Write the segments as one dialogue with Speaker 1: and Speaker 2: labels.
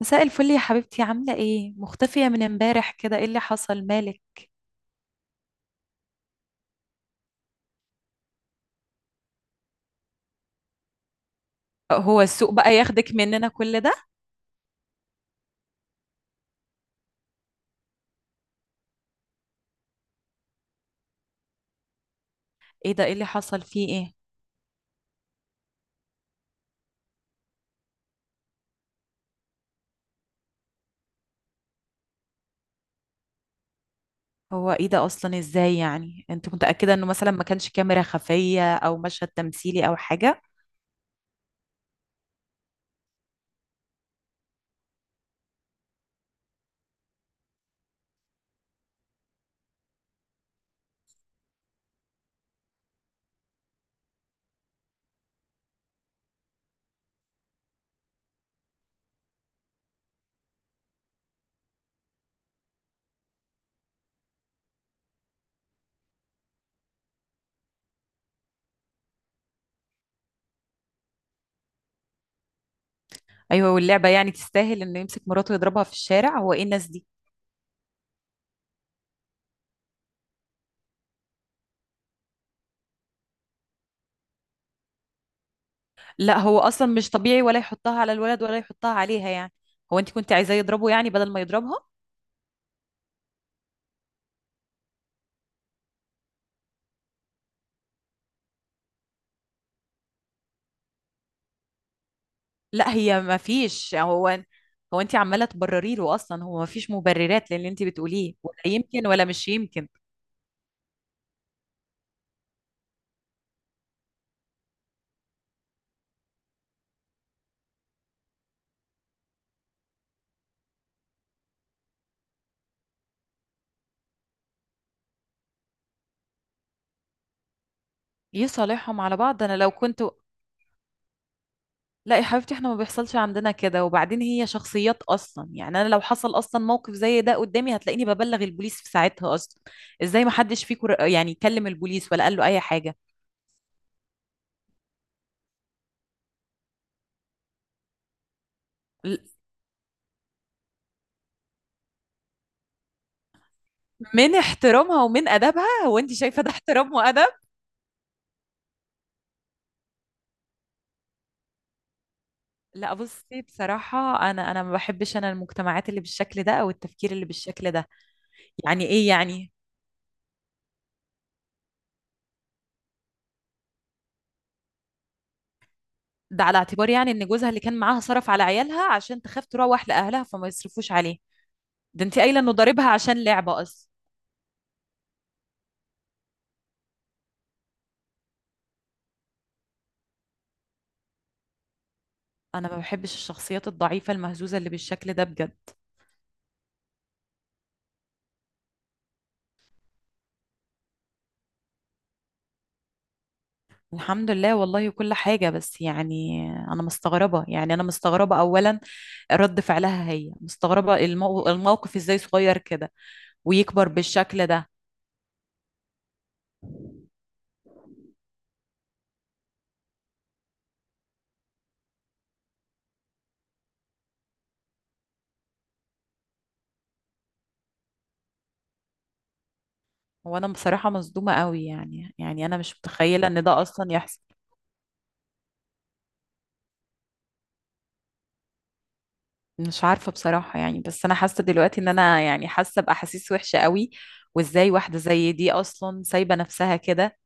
Speaker 1: مساء الفل يا حبيبتي، عاملة ايه؟ مختفية من امبارح كده، ايه اللي حصل؟ مالك؟ هو السوق بقى ياخدك مننا كل ده؟ ايه ده؟ ايه اللي حصل؟ فيه ايه؟ هو ايه ده اصلا؟ ازاي يعني؟ انت متأكدة انه مثلا ما كانش كاميرا خفية او مشهد تمثيلي او حاجة؟ ايوه، واللعبة يعني تستاهل انه يمسك مراته ويضربها في الشارع؟ هو ايه الناس دي؟ لا هو اصلا مش طبيعي، ولا يحطها على الولد ولا يحطها عليها يعني. هو انت كنت عايزاه يضربه يعني بدل ما يضربها؟ لا، هي ما فيش. هو هو انت عماله تبرري له اصلا، هو ما فيش مبررات للي انت بتقوليه، ولا يمكن ولا مش يمكن. يصالحهم على بعض، انا لو كنت. لا يا حبيبتي، احنا ما بيحصلش عندنا كده. وبعدين هي شخصيات اصلا يعني، انا لو حصل اصلا موقف زي ده قدامي هتلاقيني ببلغ البوليس في ساعتها اصلا. ازاي ما حدش فيكم يعني كلم البوليس ولا قال له اي حاجه؟ ل- من احترامها ومن ادبها؟ هو انت شايفه ده احترام وادب؟ لا بصي بصراحه، انا ما بحبش انا المجتمعات اللي بالشكل ده او التفكير اللي بالشكل ده. يعني ايه يعني؟ ده على اعتبار يعني ان جوزها اللي كان معاها صرف على عيالها عشان تخاف تروح لاهلها فما يصرفوش عليه. ده انت قايله انه ضاربها عشان لعبه اصلا. انا ما بحبش الشخصيات الضعيفه المهزوزه اللي بالشكل ده بجد. الحمد لله والله، كل حاجة بس يعني أنا مستغربة. يعني أنا مستغربة أولا رد فعلها هي. مستغربة الموقف إزاي صغير كده ويكبر بالشكل ده. وأنا بصراحة مصدومة قوي، يعني يعني أنا مش متخيلة إن ده أصلا يحصل. مش عارفة بصراحة يعني، بس أنا حاسة دلوقتي إن أنا يعني حاسة بأحاسيس وحشة قوي. وإزاي واحدة زي دي أصلا سايبة نفسها كده.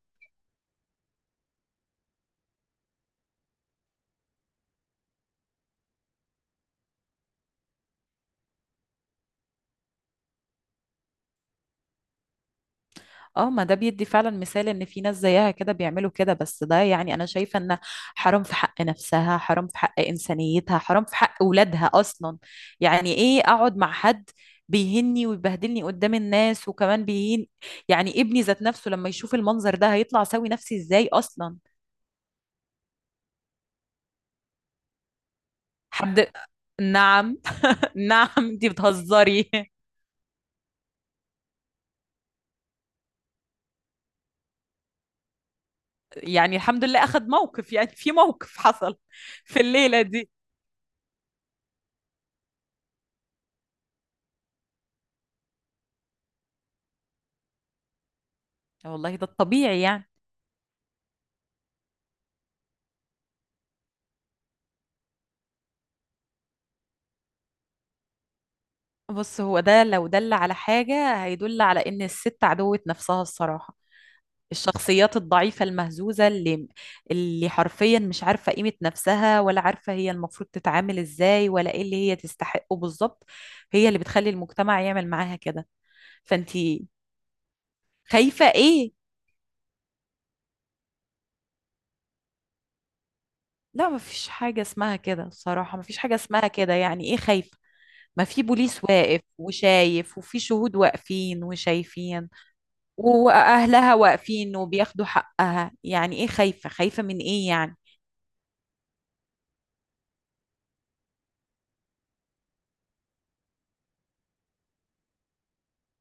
Speaker 1: اه، ما ده بيدي فعلا مثال إن في ناس زيها كده بيعملوا كده. بس ده يعني أنا شايفة إن حرام في حق نفسها، حرام في حق إنسانيتها، حرام في حق أولادها أصلا. يعني إيه أقعد مع حد بيهني ويبهدلني قدام الناس وكمان بيهين؟ يعني ابني ذات نفسه لما يشوف المنظر ده هيطلع سوي نفسي إزاي أصلا. حد؟ نعم؟ نعم، انتي بتهزري. يعني الحمد لله أخد موقف، يعني في موقف حصل في الليلة دي. والله ده الطبيعي يعني. بص، هو ده لو دل على حاجة هيدل على إن الست عدوة نفسها الصراحة. الشخصيات الضعيفة المهزوزة اللي اللي حرفيا مش عارفة قيمة نفسها، ولا عارفة هي المفروض تتعامل إزاي، ولا إيه اللي هي تستحقه بالظبط، هي اللي بتخلي المجتمع يعمل معاها كده. فأنتي خايفة إيه؟ لا مفيش حاجة اسمها كده الصراحة، مفيش حاجة اسمها كده. يعني إيه خايفة؟ ما في بوليس واقف وشايف، وفي شهود واقفين وشايفين، واهلها واقفين وبياخدوا حقها. يعني ايه خايفة؟ خايفة من ايه يعني؟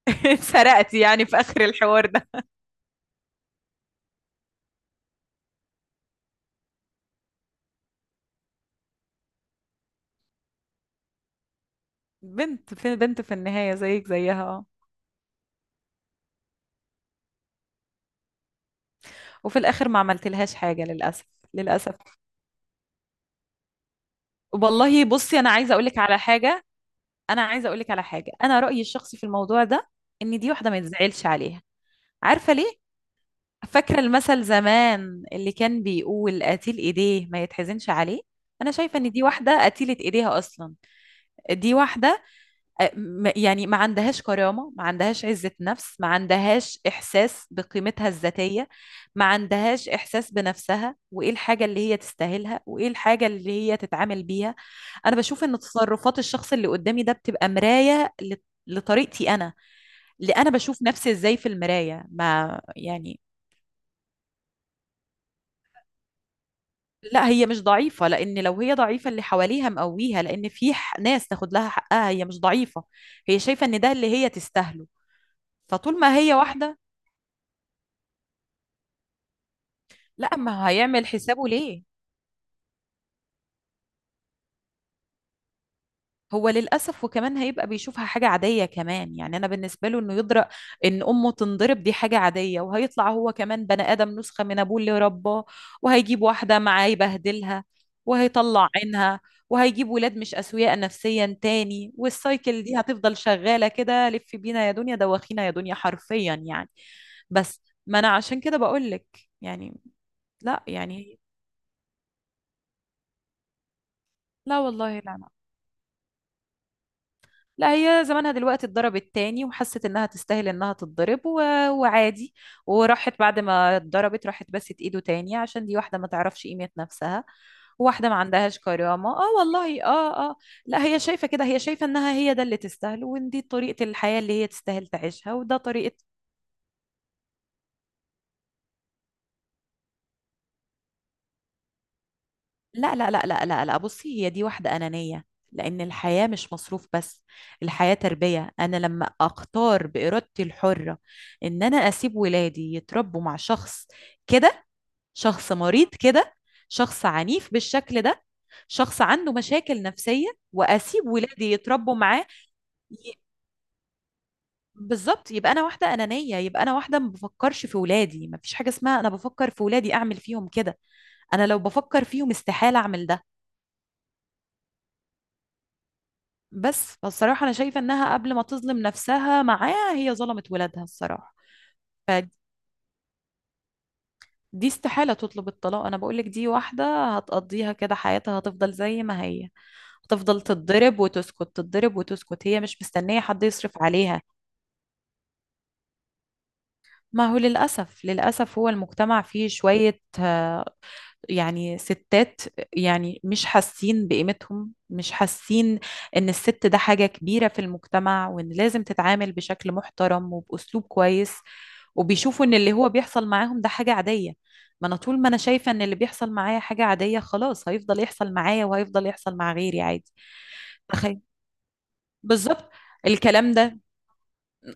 Speaker 1: اتسرقت يعني في اخر الحوار ده. بنت في بنت في النهاية، زيك زيها اه. وفي الاخر ما عملتلهاش حاجة للاسف. للاسف. والله بصي، انا عايزة اقولك على حاجة. انا عايزة اقولك على حاجة، انا رأيي الشخصي في الموضوع ده ان دي واحدة ما يتزعلش عليها. عارفة ليه؟ فاكرة المثل زمان اللي كان بيقول: قتيل ايديه ما يتحزنش عليه؟ انا شايفة ان دي واحدة قتيلة ايديها اصلا. دي واحدة آه، يعني ما عندهاش كرامة، ما عندهاش عزة نفس، ما عندهاش احساس بقيمتها الذاتية، ما عندهاش احساس بنفسها وايه الحاجة اللي هي تستاهلها وايه الحاجة اللي هي تتعامل بيها. انا بشوف ان تصرفات الشخص اللي قدامي ده بتبقى مراية لطريقتي انا، اللي انا بشوف نفسي ازاي في المراية ما يعني. لا هي مش ضعيفة، لأن لو هي ضعيفة اللي حواليها مقويها، لأن في ناس تاخد لها حقها. هي مش ضعيفة، هي شايفة إن ده اللي هي تستاهله. فطول ما هي واحدة، لا ما هيعمل حسابه ليه. هو للأسف وكمان هيبقى بيشوفها حاجة عادية كمان. يعني أنا بالنسبة له إنه يدرأ إن أمه تنضرب دي حاجة عادية، وهيطلع هو كمان بني آدم نسخة من أبوه اللي رباه، وهيجيب واحدة معاه يبهدلها وهيطلع عينها، وهيجيب ولاد مش أسوياء نفسيا تاني. والسايكل دي هتفضل شغالة كده، لف بينا يا دنيا، دوخينا يا دنيا، حرفيا يعني. بس ما أنا عشان كده بقولك يعني. لا يعني، لا والله، لا لا. لا هي زمانها دلوقتي اتضربت تاني، وحست انها تستاهل انها تتضرب و... وعادي. وراحت بعد ما اتضربت راحت بست ايده تاني، عشان دي واحدة ما تعرفش قيمة نفسها. واحدة ما عندهاش كرامة، اه والله اه اه. لا هي شايفة كده، هي شايفة انها هي ده اللي تستاهله، وان دي طريقة الحياة اللي هي تستاهل تعيشها، وده طريقة. لا لا لا لا لا لا، بصي هي دي واحدة أنانية. لأن الحياة مش مصروف بس، الحياة تربية. أنا لما أختار بإرادتي الحرة إن أنا أسيب ولادي يتربوا مع شخص كده، شخص مريض كده، شخص عنيف بالشكل ده، شخص عنده مشاكل نفسية، وأسيب ولادي يتربوا معاه. ي- بالظبط يبقى أنا واحدة أنانية، يبقى أنا واحدة ما بفكرش في ولادي. مفيش حاجة اسمها أنا بفكر في ولادي أعمل فيهم كده. أنا لو بفكر فيهم استحالة أعمل ده. بس فالصراحة أنا شايفة إنها قبل ما تظلم نفسها معاه هي ظلمت ولادها الصراحة. فدي استحالة تطلب الطلاق. أنا بقولك دي واحدة هتقضيها كده حياتها، هتفضل زي ما هي، هتفضل تتضرب وتسكت، تتضرب وتسكت، هي مش مستنية حد يصرف عليها. ما هو للأسف، للأسف هو المجتمع فيه شوية يعني ستات يعني مش حاسين بقيمتهم، مش حاسين ان الست ده حاجة كبيرة في المجتمع، وان لازم تتعامل بشكل محترم وبأسلوب كويس. وبيشوفوا ان اللي هو بيحصل معاهم ده حاجة عادية. ما انا طول ما انا شايفة ان اللي بيحصل معايا حاجة عادية خلاص هيفضل يحصل معايا، وهيفضل يحصل مع غيري عادي. تخيل. بالظبط. الكلام ده،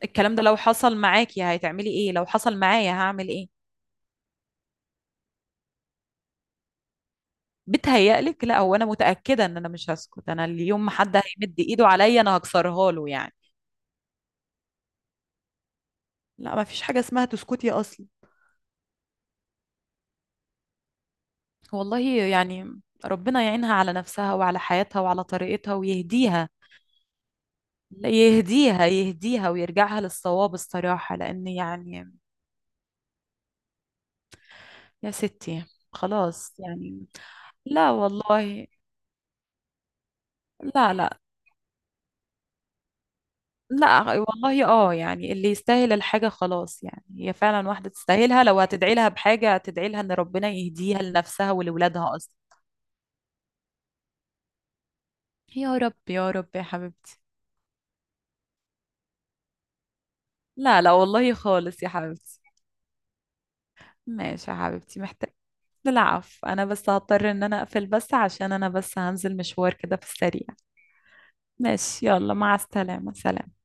Speaker 1: الكلام ده لو حصل معاكي هتعملي ايه؟ لو حصل معايا هعمل ايه؟ بتهيألك؟ لا هو انا متأكدة ان انا مش هسكت. انا اليوم ما حد هيمد ايده عليا، انا هكسرها له يعني. لا ما فيش حاجة اسمها تسكتي اصلا. والله. يعني ربنا يعينها على نفسها وعلى حياتها وعلى طريقتها ويهديها. لا يهديها، يهديها ويرجعها للصواب الصراحة، لأن يعني. يا ستي خلاص يعني. لا والله، لا لا. لا والله اه، يعني اللي يستاهل الحاجة خلاص يعني، هي فعلا واحدة تستاهلها. لو هتدعي لها بحاجة هتدعي لها ان ربنا يهديها لنفسها ولولادها اصلا. يا رب يا رب يا حبيبتي. لا لا والله خالص يا حبيبتي. ماشي يا حبيبتي، محتاج. العفو، انا بس هضطر ان انا اقفل، بس عشان انا بس هنزل مشوار كده في السريع. ماشي، يلا مع السلامة، سلام.